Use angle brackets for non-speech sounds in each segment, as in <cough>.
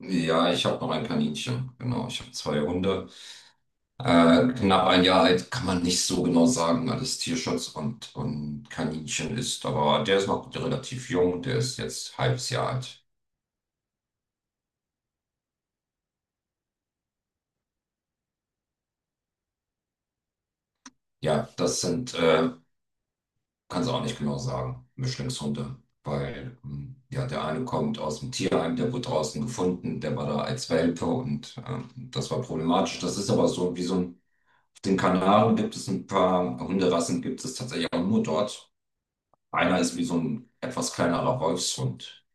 Ja, ich habe noch ein Kaninchen. Genau, ich habe zwei Hunde. Knapp ein Jahr alt kann man nicht so genau sagen, weil es Tierschutz und Kaninchen ist. Aber der ist noch relativ jung. Der ist jetzt halbes Jahr alt. Ja, das sind, kann es auch nicht genau sagen, Mischlingshunde. Weil, ja, der eine kommt aus dem Tierheim, der wurde draußen gefunden, der war da als Welpe und das war problematisch. Das ist aber so wie so ein. Den Kanaren gibt es ein paar Hunderassen, gibt es tatsächlich auch nur dort. Einer ist wie so ein etwas kleinerer Wolfshund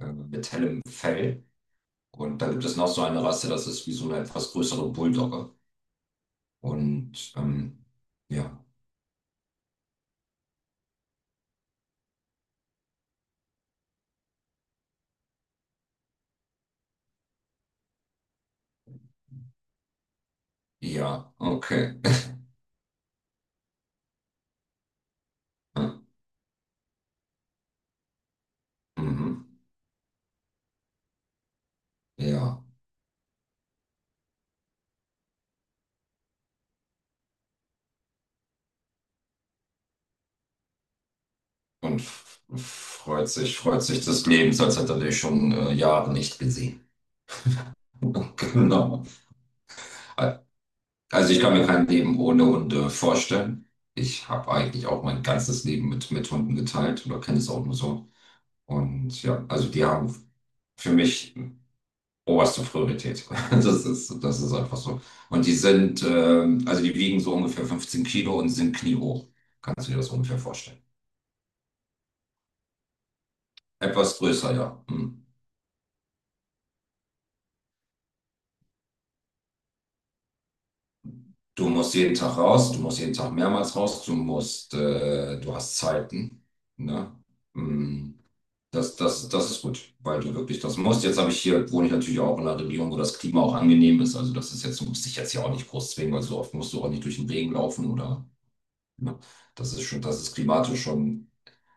mit hellem Fell. Und da gibt es noch so eine Rasse, das ist wie so eine etwas größere Bulldogge. Und ja, ja, okay. Ja, mhm. Ja, und freut sich des Lebens, als hätte er dich schon Jahre nicht gesehen. <laughs> Genau. Also ich kann mir kein Leben ohne Hunde vorstellen. Ich habe eigentlich auch mein ganzes Leben mit Hunden geteilt oder kenne es auch nur so. Und ja, also die haben für mich oberste Priorität. <laughs> Das ist einfach so. Und die sind, also die wiegen so ungefähr 15 Kilo und sind kniehoch. Kannst du dir das ungefähr vorstellen? Etwas größer, ja. Hm. Du musst jeden Tag raus, du musst jeden Tag mehrmals raus, du musst, du hast Zeiten, ne? Hm. Das ist gut, weil du wirklich das musst. Jetzt habe ich hier, wohne ich natürlich auch in einer Region, wo das Klima auch angenehm ist. Also das ist jetzt, du musst dich jetzt hier auch nicht groß zwingen, weil so oft musst du auch nicht durch den Regen laufen oder? Ne? Das ist klimatisch schon,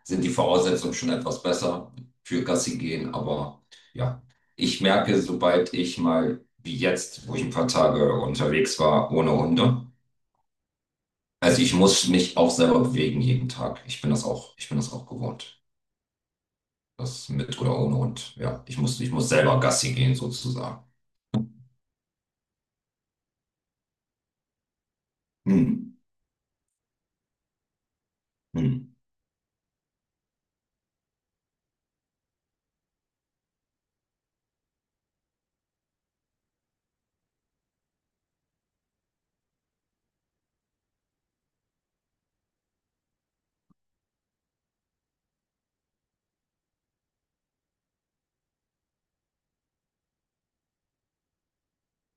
sind die Voraussetzungen schon etwas besser für Gassi gehen. Aber ja, ich merke, sobald ich mal, wie jetzt, wo ich ein paar Tage unterwegs war, ohne Hunde, also ich muss mich auch selber bewegen jeden Tag. Ich bin das auch gewohnt. Das mit oder ohne Hund. Ja, ich muss selber Gassi gehen sozusagen. Hm. Hm.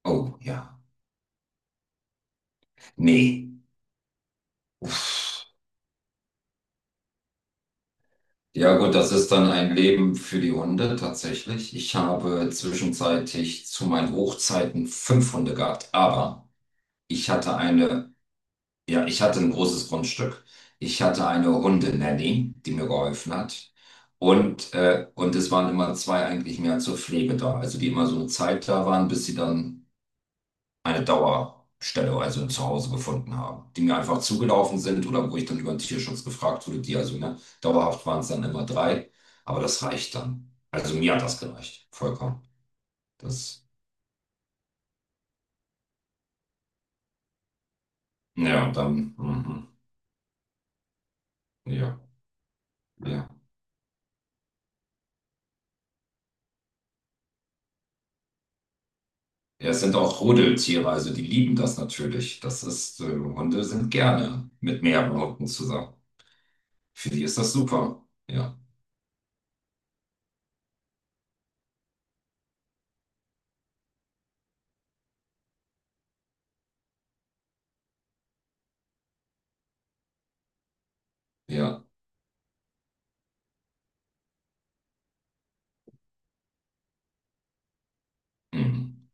Oh, ja. Nee. Uff. Ja gut, das ist dann ein Leben für die Hunde tatsächlich. Ich habe zwischenzeitlich zu meinen Hochzeiten fünf Hunde gehabt, aber ich hatte eine, ja, ich hatte ein großes Grundstück. Ich hatte eine Hundenanny, die mir geholfen hat. Und es waren immer zwei eigentlich mehr zur Pflege da, also die immer so eine Zeit da waren, bis sie dann eine Dauerstelle, also ein Zuhause gefunden haben, die mir einfach zugelaufen sind oder wo ich dann über den Tierschutz gefragt wurde, die also, ne, dauerhaft waren es dann immer drei, aber das reicht dann. Also mir hat das gereicht, vollkommen. Das, ja, und dann, mhm, ja, ja. Ja, es sind auch Rudeltiere, also die lieben das natürlich. Das ist, Hunde sind gerne mit mehreren Hunden zusammen. Für die ist das super. Ja, ja. Mhm.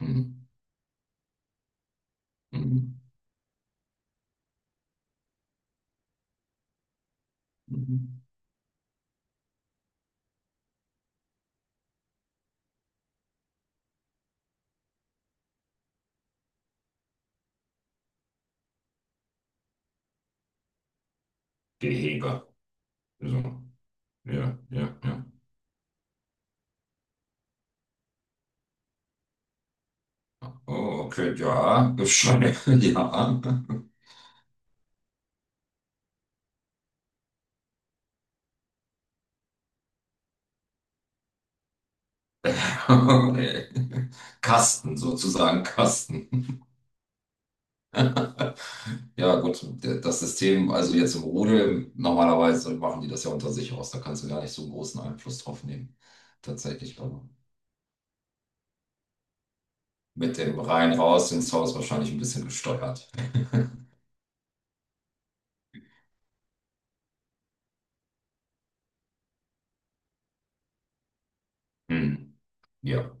Mhm. Mhm. Mhm. Gehege. So. Ja, ja, ja. Oh, okay, ja, ist schon, <laughs> ja. Okay. Kasten, sozusagen Kasten. <laughs> Ja, gut, das System, also jetzt im Rudel, normalerweise machen die das ja unter sich aus, da kannst du gar nicht so einen großen Einfluss drauf nehmen. Tatsächlich, aber mit dem rein raus ins Haus wahrscheinlich ein bisschen gesteuert. Hm. Ja.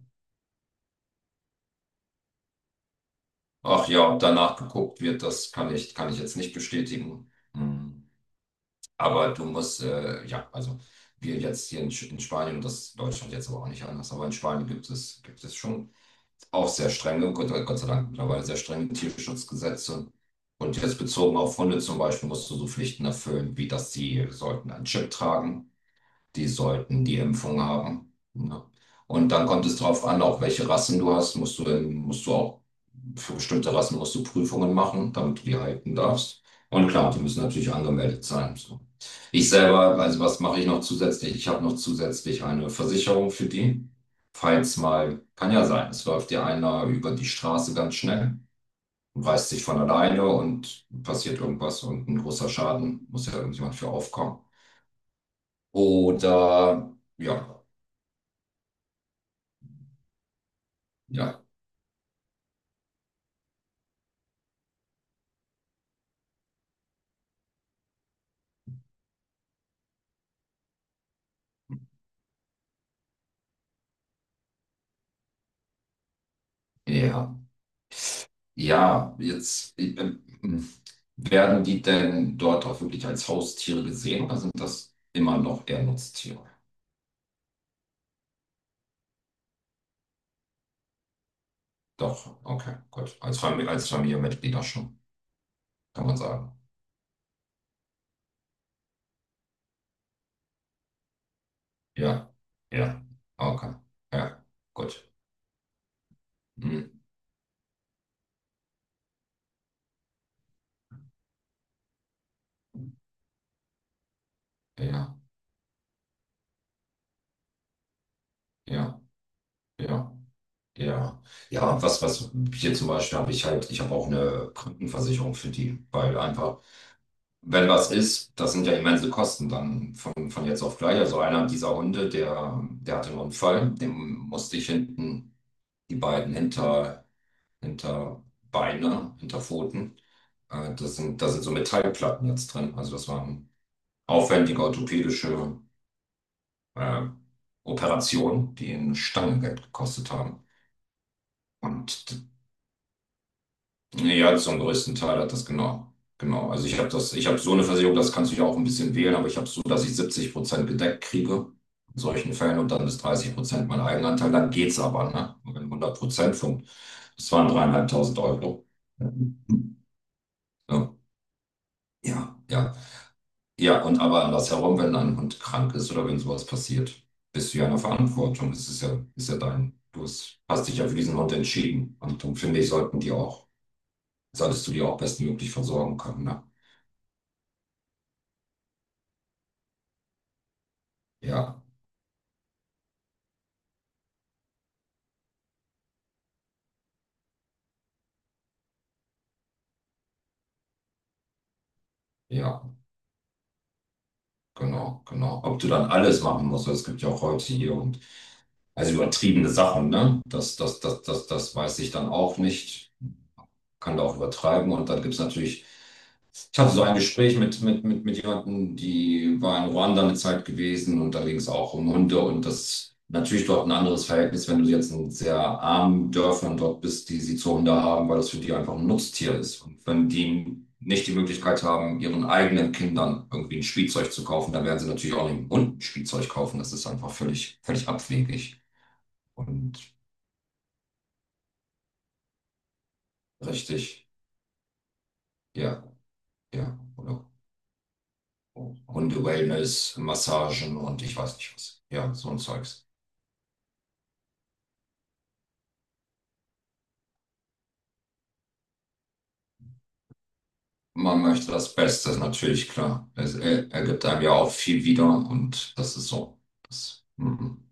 Ach ja, ob danach geguckt wird, das kann ich jetzt nicht bestätigen. Hm. Aber du musst, ja, also wir jetzt hier in, in Spanien und das ist Deutschland jetzt aber auch nicht anders, aber in Spanien gibt es schon auch sehr strenge, Gott, Gott sei Dank mittlerweile sehr strenge Tierschutzgesetze. Und jetzt bezogen auf Hunde zum Beispiel musst du so Pflichten erfüllen, wie dass sie sollten einen Chip tragen, die sollten die Impfung haben. Ne? Und dann kommt es drauf an, auch welche Rassen du hast, musst du auch für bestimmte Rassen musst du Prüfungen machen, damit du die halten darfst. Und klar, die müssen natürlich angemeldet sein. So. Ich selber, also was mache ich noch zusätzlich? Ich habe noch zusätzlich eine Versicherung für die. Falls mal, kann ja sein, es läuft dir einer über die Straße ganz schnell und reißt sich von alleine und passiert irgendwas und ein großer Schaden, muss ja irgendjemand für aufkommen. Oder ja. Ja, ja, ja. Ja, jetzt werden die denn dort auch wirklich als Haustiere gesehen oder sind das immer noch eher Nutztiere? Doch, okay, gut. Als Familie, als Familienmitglieder schon, kann man sagen. Ja, ja, okay, ja, gut. Hm, ja, ja, ja, ja. Ja, was, was hier zum Beispiel habe ich halt, ich habe auch eine Krankenversicherung für die, weil einfach. Wenn was ist, das sind ja immense Kosten dann von jetzt auf gleich. Also einer dieser Hunde, der, der hatte einen Unfall, dem musste ich hinten die beiden hinter, hinter Beine, hinter Pfoten. Das sind, da sind so Metallplatten jetzt drin. Also das war eine aufwendige orthopädische äh, Operation, die eine Stange Geld gekostet haben. Und nee. Ja, zum größten Teil hat das, genau. Genau. Also ich habe das, ich habe so eine Versicherung, das kannst du ja auch ein bisschen wählen, aber ich habe so, dass ich 70 Prozent gedeckt kriege in solchen Fällen und dann bis 30 Prozent mein Eigenanteil, dann geht's aber, ne? Wenn hundert Prozent von, das waren dreieinhalbtausend Euro. Ja, ja, ja. Ja, und aber andersherum, wenn ein Hund krank ist oder wenn sowas passiert, bist du ja in der Verantwortung. Es ist ja dein, du hast dich ja für diesen Hund entschieden. Und dann finde ich, sollten die auch, solltest du die auch bestmöglich versorgen können, ne? Ja, ja, genau, genau. Ob du dann alles machen musst, es gibt ja auch heute hier und also übertriebene Sachen, ne? Das weiß ich dann auch nicht, kann da auch übertreiben. Und dann gibt es natürlich. Ich hatte so ein Gespräch mit jemandem, die war in Ruanda eine Zeit gewesen und da ging es auch um Hunde und das ist natürlich dort ein anderes Verhältnis, wenn du jetzt in sehr armen Dörfern dort bist, die sie zu Hunde haben, weil das für die einfach ein Nutztier ist. Und wenn die nicht die Möglichkeit haben, ihren eigenen Kindern irgendwie ein Spielzeug zu kaufen, dann werden sie natürlich auch nicht einen Hund ein Spielzeug kaufen. Das ist einfach völlig, völlig abwegig und richtig. Ja, ja. Oder Hunde-Wellness, Massagen und ich weiß nicht was. Ja, so ein Zeugs. Man möchte das Beste, ist natürlich klar. Es ergibt einem ja auch viel wieder und das ist so. Das, mhm.